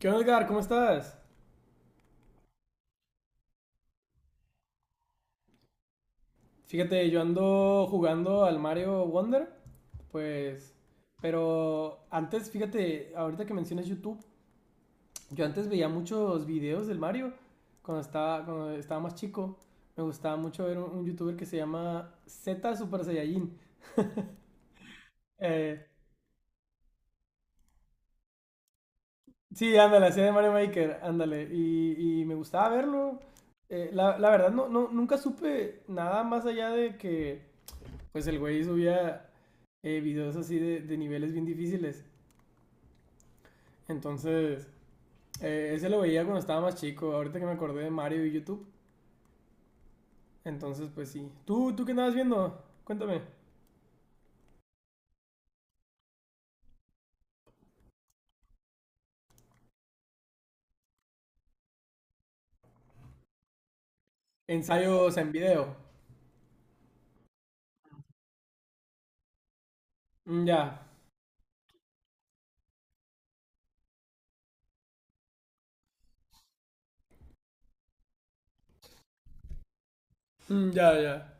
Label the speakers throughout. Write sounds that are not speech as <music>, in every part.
Speaker 1: ¿Qué onda, Edgar? ¿Cómo estás? Fíjate, yo ando jugando al Mario Wonder, pues... Pero antes, fíjate, ahorita que mencionas YouTube, yo antes veía muchos videos del Mario cuando estaba más chico. Me gustaba mucho ver un youtuber que se llama Z Super Saiyajin. Eh, sí, ándale, hacía de Mario Maker, ándale. Y me gustaba verlo. La verdad, no, nunca supe nada más allá de que, pues, el güey subía videos así de niveles bien difíciles. Entonces, ese lo veía cuando estaba más chico. Ahorita que me acordé de Mario y YouTube. Entonces, pues sí. ¿Tú qué andabas viendo? Cuéntame. Ensayos en video. Mm, ya. Mm, ya, ya.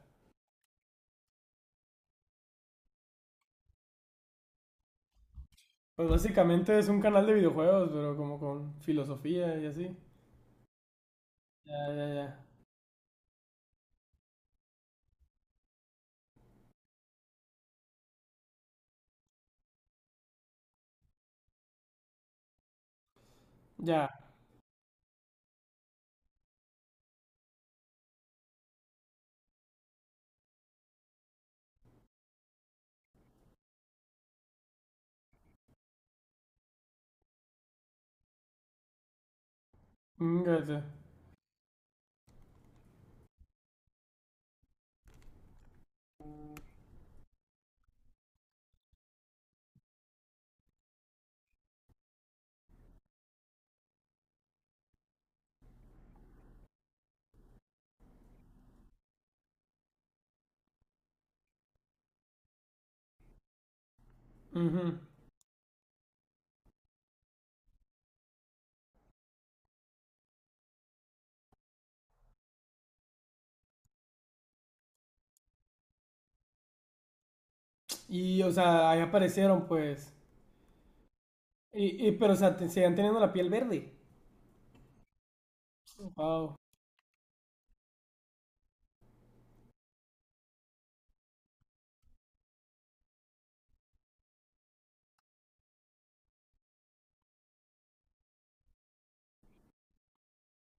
Speaker 1: Pues básicamente es un canal de videojuegos, pero como con filosofía y así. Ya, ya, ya. Ya. Mm, ya sé. Ujú. Y, o sea, ahí aparecieron, pues. Y pero, o sea, seguían teniendo la piel verde. Wow.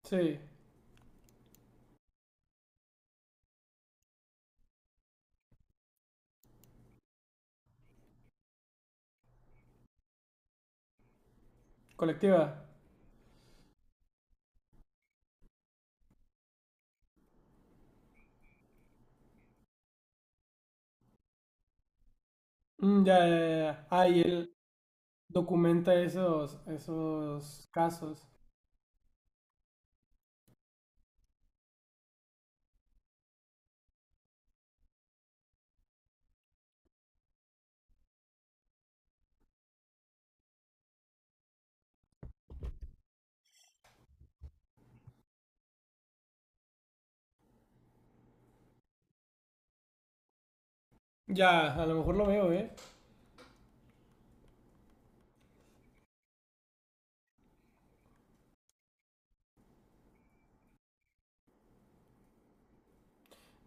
Speaker 1: Sí. Colectiva. Mm, ya, ya, ya. Ya. Ah, y él documenta esos casos. Ya, a lo mejor lo veo, ¿eh?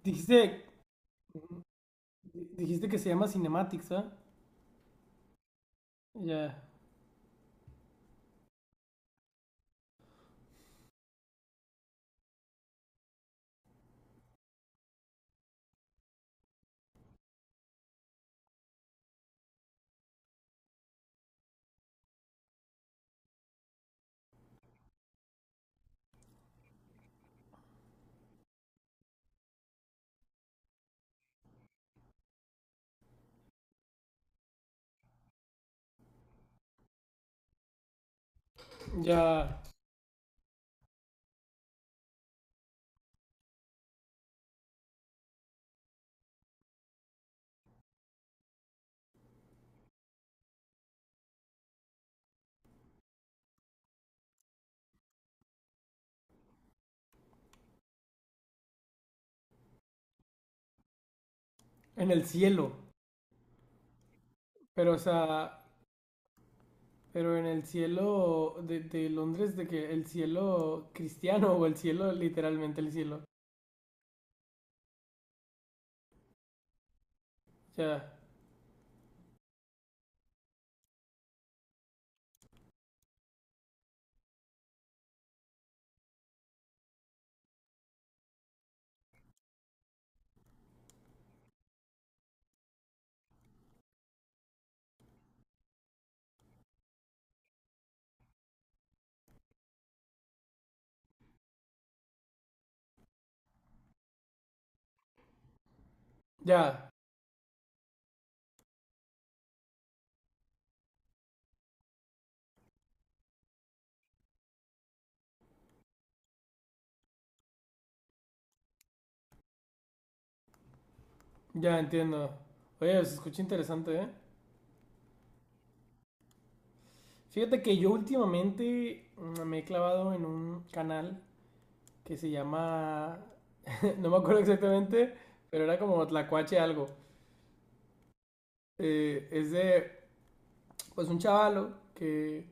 Speaker 1: Dijiste, dijiste que se llama Cinematics, ¿ah? Ya, ya. En el cielo. Pero, o sea, pero en el cielo de, Londres, de que el cielo cristiano o el cielo, literalmente el cielo. Ya, ya, ya entiendo. Oye, se escucha interesante, ¿eh? Fíjate que yo últimamente me he clavado en un canal que se llama, <laughs> no me acuerdo exactamente, pero era como Tlacuache algo. Es de, pues, un chavalo que,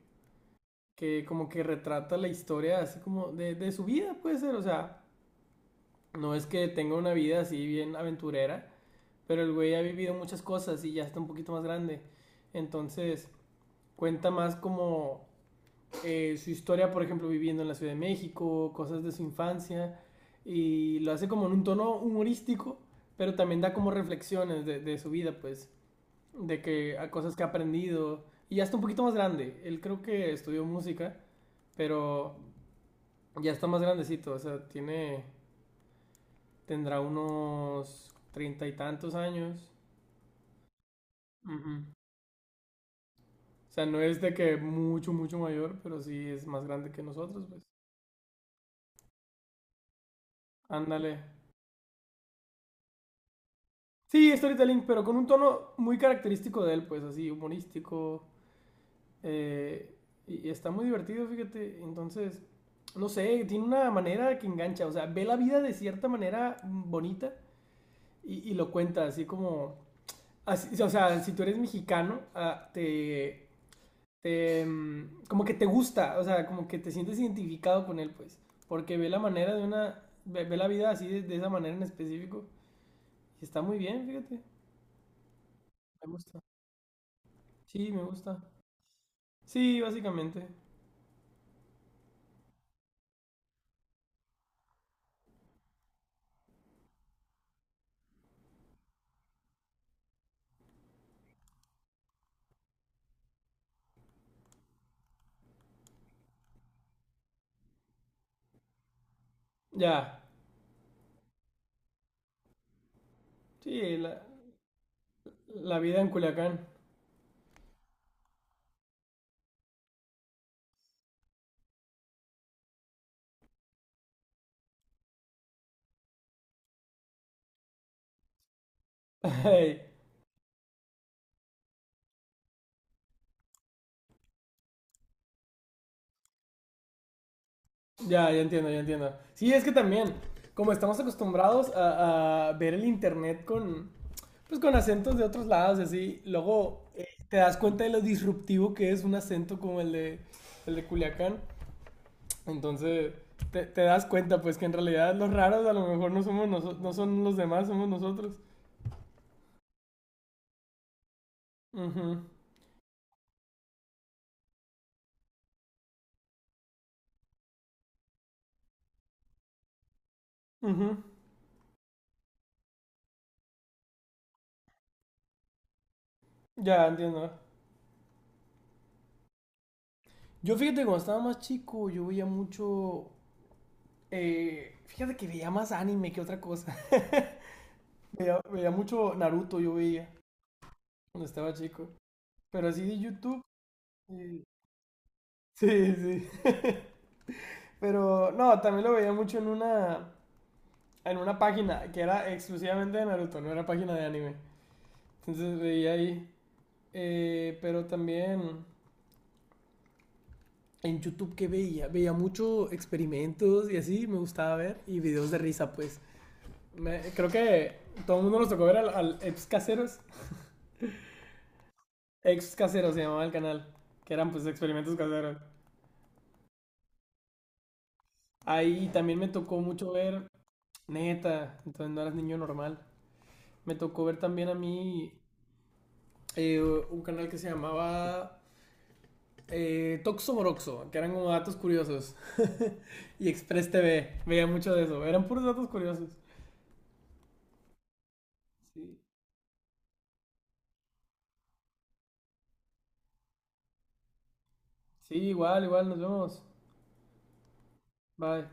Speaker 1: que como que retrata la historia así como de su vida, puede ser, o sea, no es que tenga una vida así bien aventurera, pero el güey ha vivido muchas cosas y ya está un poquito más grande. Entonces, cuenta más como su historia, por ejemplo, viviendo en la Ciudad de México, cosas de su infancia, y lo hace como en un tono humorístico, pero también da como reflexiones de su vida, pues, de que a cosas que ha aprendido, y ya está un poquito más grande, él creo que estudió música, pero ya está más grandecito, o sea, tiene, tendrá unos treinta y tantos años. Ujú. O sea, no es de que mucho, mucho mayor, pero sí es más grande que nosotros, pues. Ándale. Sí, storytelling, pero con un tono muy característico de él, pues así, humorístico. eh, y está muy divertido, fíjate. Entonces, no sé, tiene una manera que engancha. O sea, ve la vida de cierta manera bonita y lo cuenta así como... o sea, si tú eres mexicano, ah, como que te gusta, o sea, como que te sientes identificado con él, pues. Porque ve la manera de una. Ve la vida así de, esa manera en específico. Y está muy bien, fíjate. Me gusta. Sí, me gusta. Sí, básicamente. Ya. Sí, la vida en Culiacán. <laughs> Ey, ya, ya entiendo, ya entiendo. Sí, es que también, como estamos acostumbrados a ver el internet pues, con acentos de otros lados y así, luego te das cuenta de lo disruptivo que es un acento como el de Culiacán. Entonces, te das cuenta, pues, que en realidad los raros a lo mejor no somos noso- no son los demás, somos nosotros. Ujú, ujú. Ya, entiendo. Yo fíjate, cuando estaba más chico, yo veía mucho. Fíjate que veía más anime que otra cosa. <laughs> Veía mucho Naruto, yo veía cuando estaba chico. Pero así de YouTube. eh, <laughs> sí, sí. Pero no, también lo veía mucho en una, página que era exclusivamente de Naruto, no era página de anime. Entonces veía ahí. Pero también en YouTube que veía mucho experimentos y así, me gustaba ver. Y videos de risa, pues. Creo que todo el mundo nos tocó ver al ex caseros. Ex caseros se llamaba el canal. Que eran pues experimentos caseros. Ahí también me tocó mucho ver. Neta, entonces no eras niño normal. Me tocó ver también a mí un canal que se llamaba Toxo Moroxo, que eran como datos curiosos. <laughs> Y Express TV, veía mucho de eso. Eran puros datos curiosos. Sí, sí igual, igual, nos vemos. Bye.